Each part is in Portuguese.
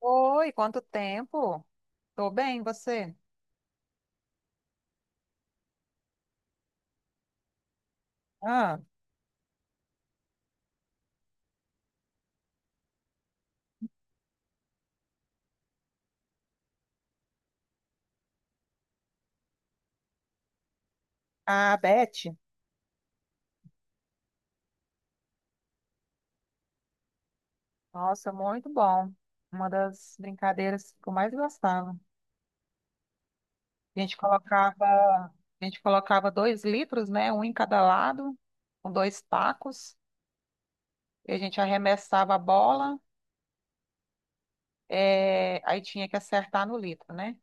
Oi, quanto tempo? Tô bem, e você? Ah, a Beth. Nossa, muito bom. Uma das brincadeiras que eu mais gostava. A gente colocava dois litros, né? Um em cada lado, com dois tacos, e a gente arremessava a bola, é, aí tinha que acertar no litro, né?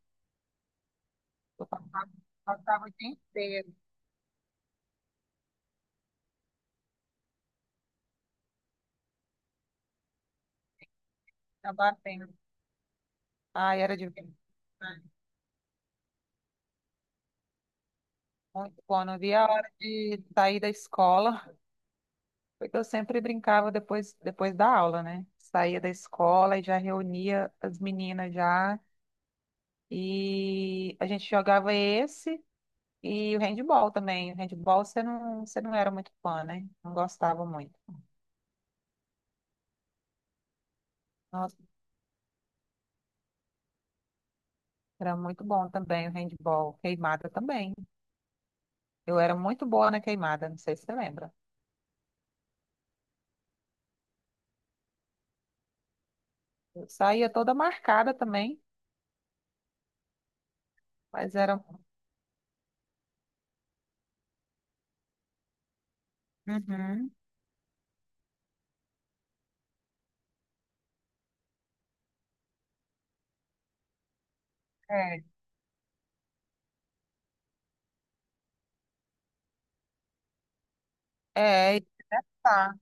Eu passava o dia inteiro, tá batendo. Ai, era divertido, né? Muito bom, não via a hora de sair da escola. Porque eu sempre brincava depois da aula, né? Saía da escola e já reunia as meninas já. E a gente jogava esse e o handball também. O handball você não era muito fã, né? Não gostava muito. Nossa, era muito bom também o handball. Queimada também. Eu era muito boa na queimada, não sei se você lembra. Eu saía toda marcada também, mas era. Uhum. É. É, e tá.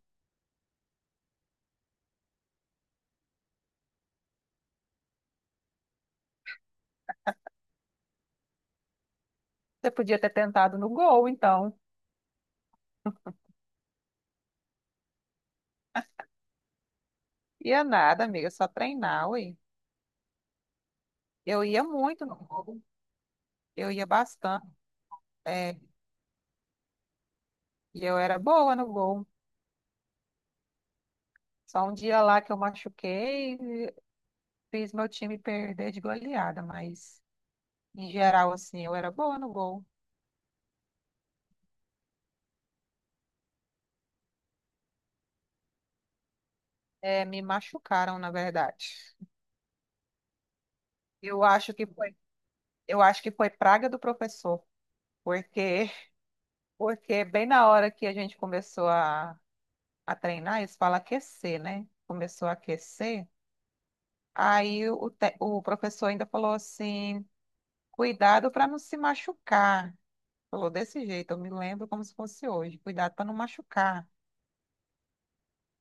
Você podia ter tentado no gol, então. Ia nada, amiga, é só treinar, ué. Eu ia muito no gol, eu ia bastante, é, e eu era boa no gol. Só um dia lá que eu machuquei, fiz meu time perder de goleada, mas em geral, assim, eu era boa no gol. É, me machucaram, na verdade. Eu acho que foi, eu acho que foi praga do professor, porque, porque bem na hora que a gente começou a treinar, eles falam aquecer, né? Começou a aquecer. Aí o professor ainda falou assim: cuidado para não se machucar. Falou desse jeito, eu me lembro como se fosse hoje: cuidado para não machucar.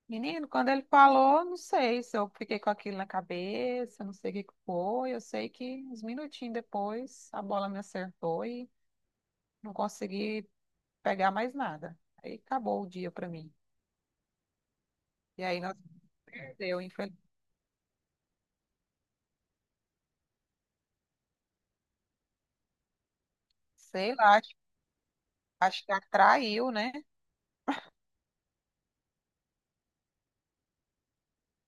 Menino, quando ele falou, não sei se eu fiquei com aquilo na cabeça, não sei o que que foi. Eu sei que uns minutinhos depois a bola me acertou e não consegui pegar mais nada. Aí acabou o dia para mim. E aí nós perdeu, sei lá, acho que atraiu, né?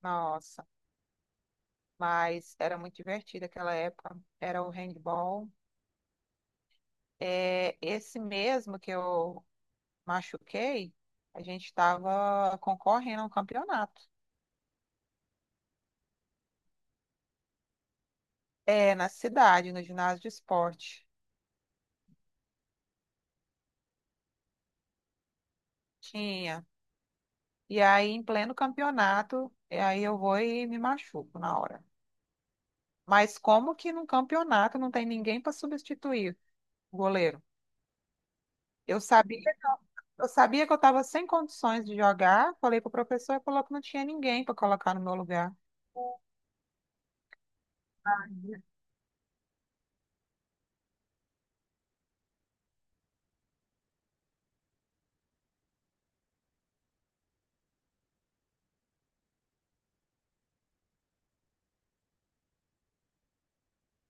Nossa, mas era muito divertido aquela época. Era o handball. É, esse mesmo que eu machuquei, a gente estava concorrendo a um campeonato. É, na cidade, no ginásio de esporte. Tinha. E aí, em pleno campeonato, e aí eu vou e me machuco na hora. Mas como que num campeonato não tem ninguém para substituir o goleiro? Eu sabia, eu sabia que eu estava sem condições de jogar, falei pro professor e falou que não tinha ninguém para colocar no meu lugar.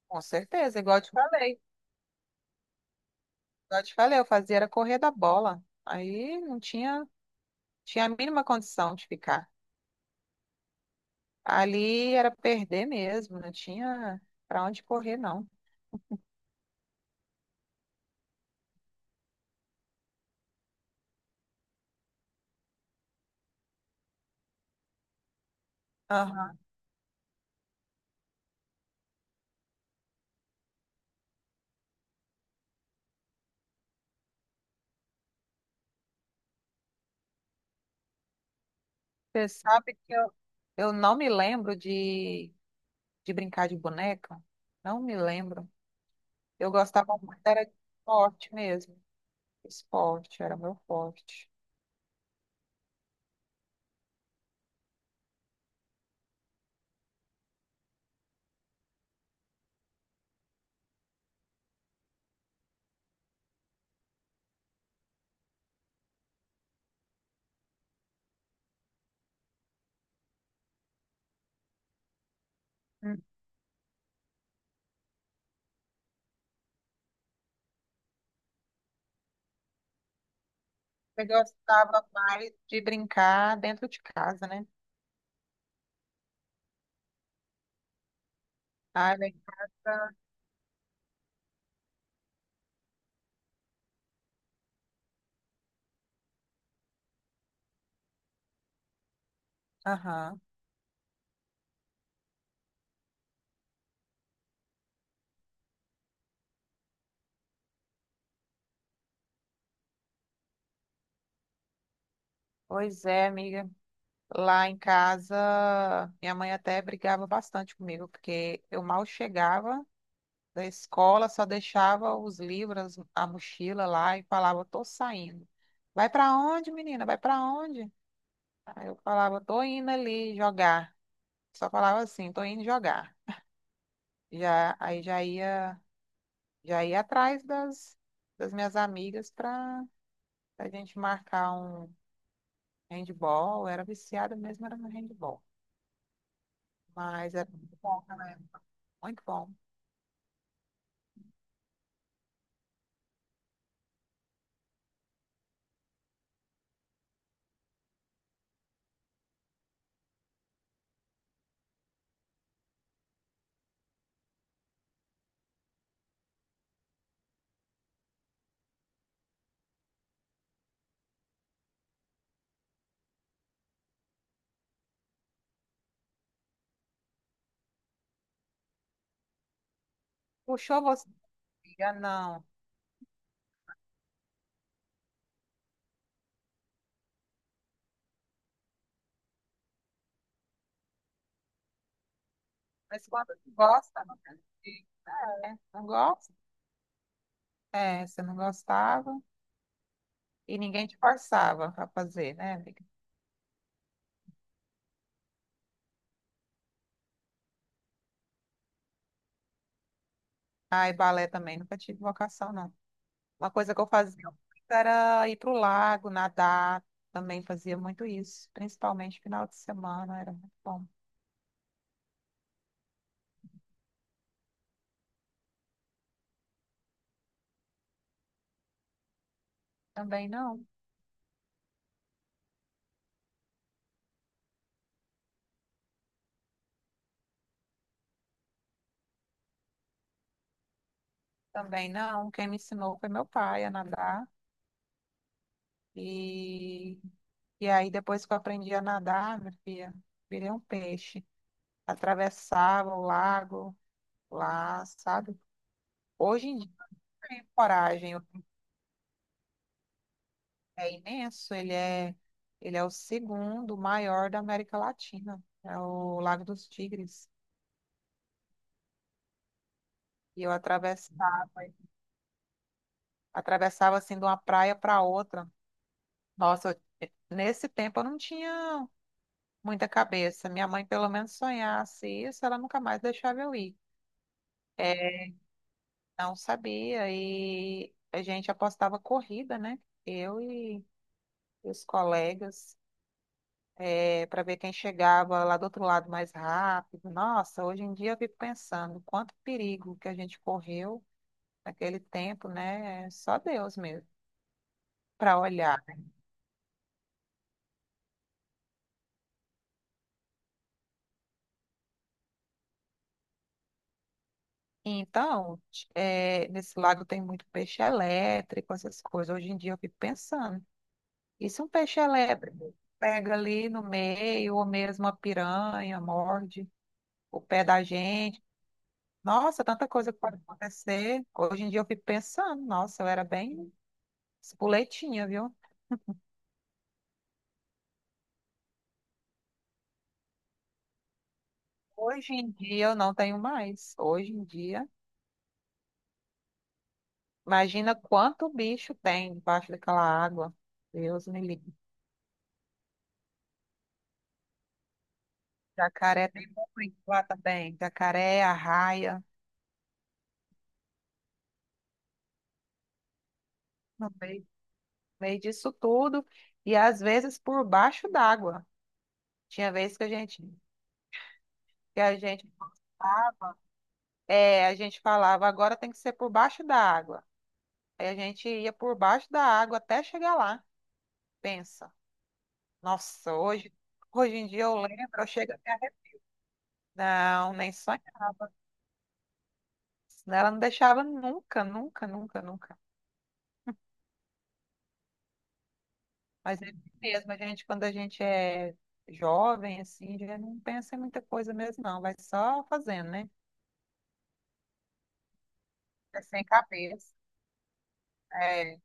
Com certeza, igual eu te falei. Igual eu te falei, eu fazia era correr da bola. Aí não tinha a mínima condição de ficar. Ali era perder mesmo, não tinha para onde correr, não. Aham. Você sabe que eu não me lembro de brincar de boneca? Não me lembro. Eu gostava muito, era de esporte mesmo. Esporte era meu forte. Hum. Eu gostava mais de brincar dentro de casa, né? Ah, lá em casa. Aham. Pois é, amiga. Lá em casa, minha mãe até brigava bastante comigo, porque eu mal chegava da escola, só deixava os livros, a mochila lá e falava, tô saindo. Vai pra onde, menina? Vai pra onde? Aí eu falava, tô indo ali jogar. Só falava assim, tô indo jogar. Aí já ia atrás das minhas amigas pra a gente marcar um handball. Eu era viciada mesmo, era no handball. Mas é muito bom, né? Muito bom. Puxou você, amiga? Não. Mas quando gosta, não tem jeito, né? Não gosta? É, você não gostava e ninguém te forçava para fazer, né, amiga? Ah, e balé também, nunca tive vocação, não. Uma coisa que eu fazia muito era ir pro lago, nadar, também fazia muito isso, principalmente final de semana, era muito bom. Também não, também não. Quem me ensinou foi meu pai a nadar. E E aí, depois que eu aprendi a nadar, minha filha, virei um peixe. Atravessava o lago lá, sabe? Hoje em dia, eu tenho coragem. É imenso. Ele é o segundo maior da América Latina. É o Lago dos Tigres. E eu atravessava assim de uma praia para outra. Nossa, nesse tempo eu não tinha muita cabeça. Minha mãe, pelo menos, sonhasse isso, ela nunca mais deixava eu ir. É, não sabia. E a gente apostava corrida, né? Eu e os colegas, para ver quem chegava lá do outro lado mais rápido. Nossa, hoje em dia eu fico pensando quanto perigo que a gente correu naquele tempo, né? Só Deus mesmo para olhar. Então, nesse lago tem muito peixe elétrico, essas coisas. Hoje em dia eu fico pensando. E se um peixe elétrico pega ali no meio, ou mesmo a piranha, morde o pé da gente? Nossa, tanta coisa que pode acontecer. Hoje em dia eu fico pensando, nossa, eu era bem espoletinha, viu? Hoje em dia eu não tenho mais. Hoje em dia, imagina quanto bicho tem debaixo daquela água. Deus me livre. Jacaré tem muito lá também. Jacaré, arraia, no meio, no meio disso tudo. E às vezes por baixo d'água. Tinha vezes que a gente, é, a gente falava, agora tem que ser por baixo da água. Aí a gente ia por baixo da água até chegar lá. Pensa, nossa, hoje em dia eu lembro, eu chego até. Não, nem sonhava. Senão ela não deixava nunca, nunca, nunca, nunca. Mas é assim mesmo, quando a gente é jovem, assim, já não pensa em muita coisa mesmo, não. Vai só fazendo, né? É sem cabeça. É,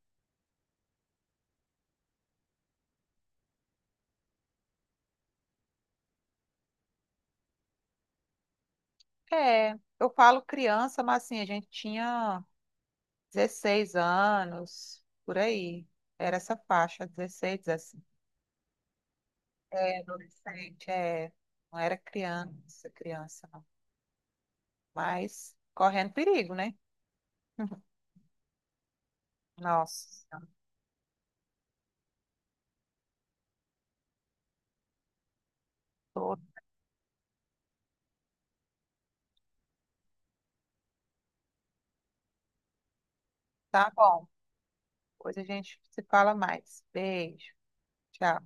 é, eu falo criança, mas assim, a gente tinha 16 anos, por aí. Era essa faixa, 16 17. É, adolescente, é. Não era criança, criança, não. Mas correndo perigo, né? Nossa, Senhora. Tô- tá bom. Depois a gente se fala mais. Beijo. Tchau.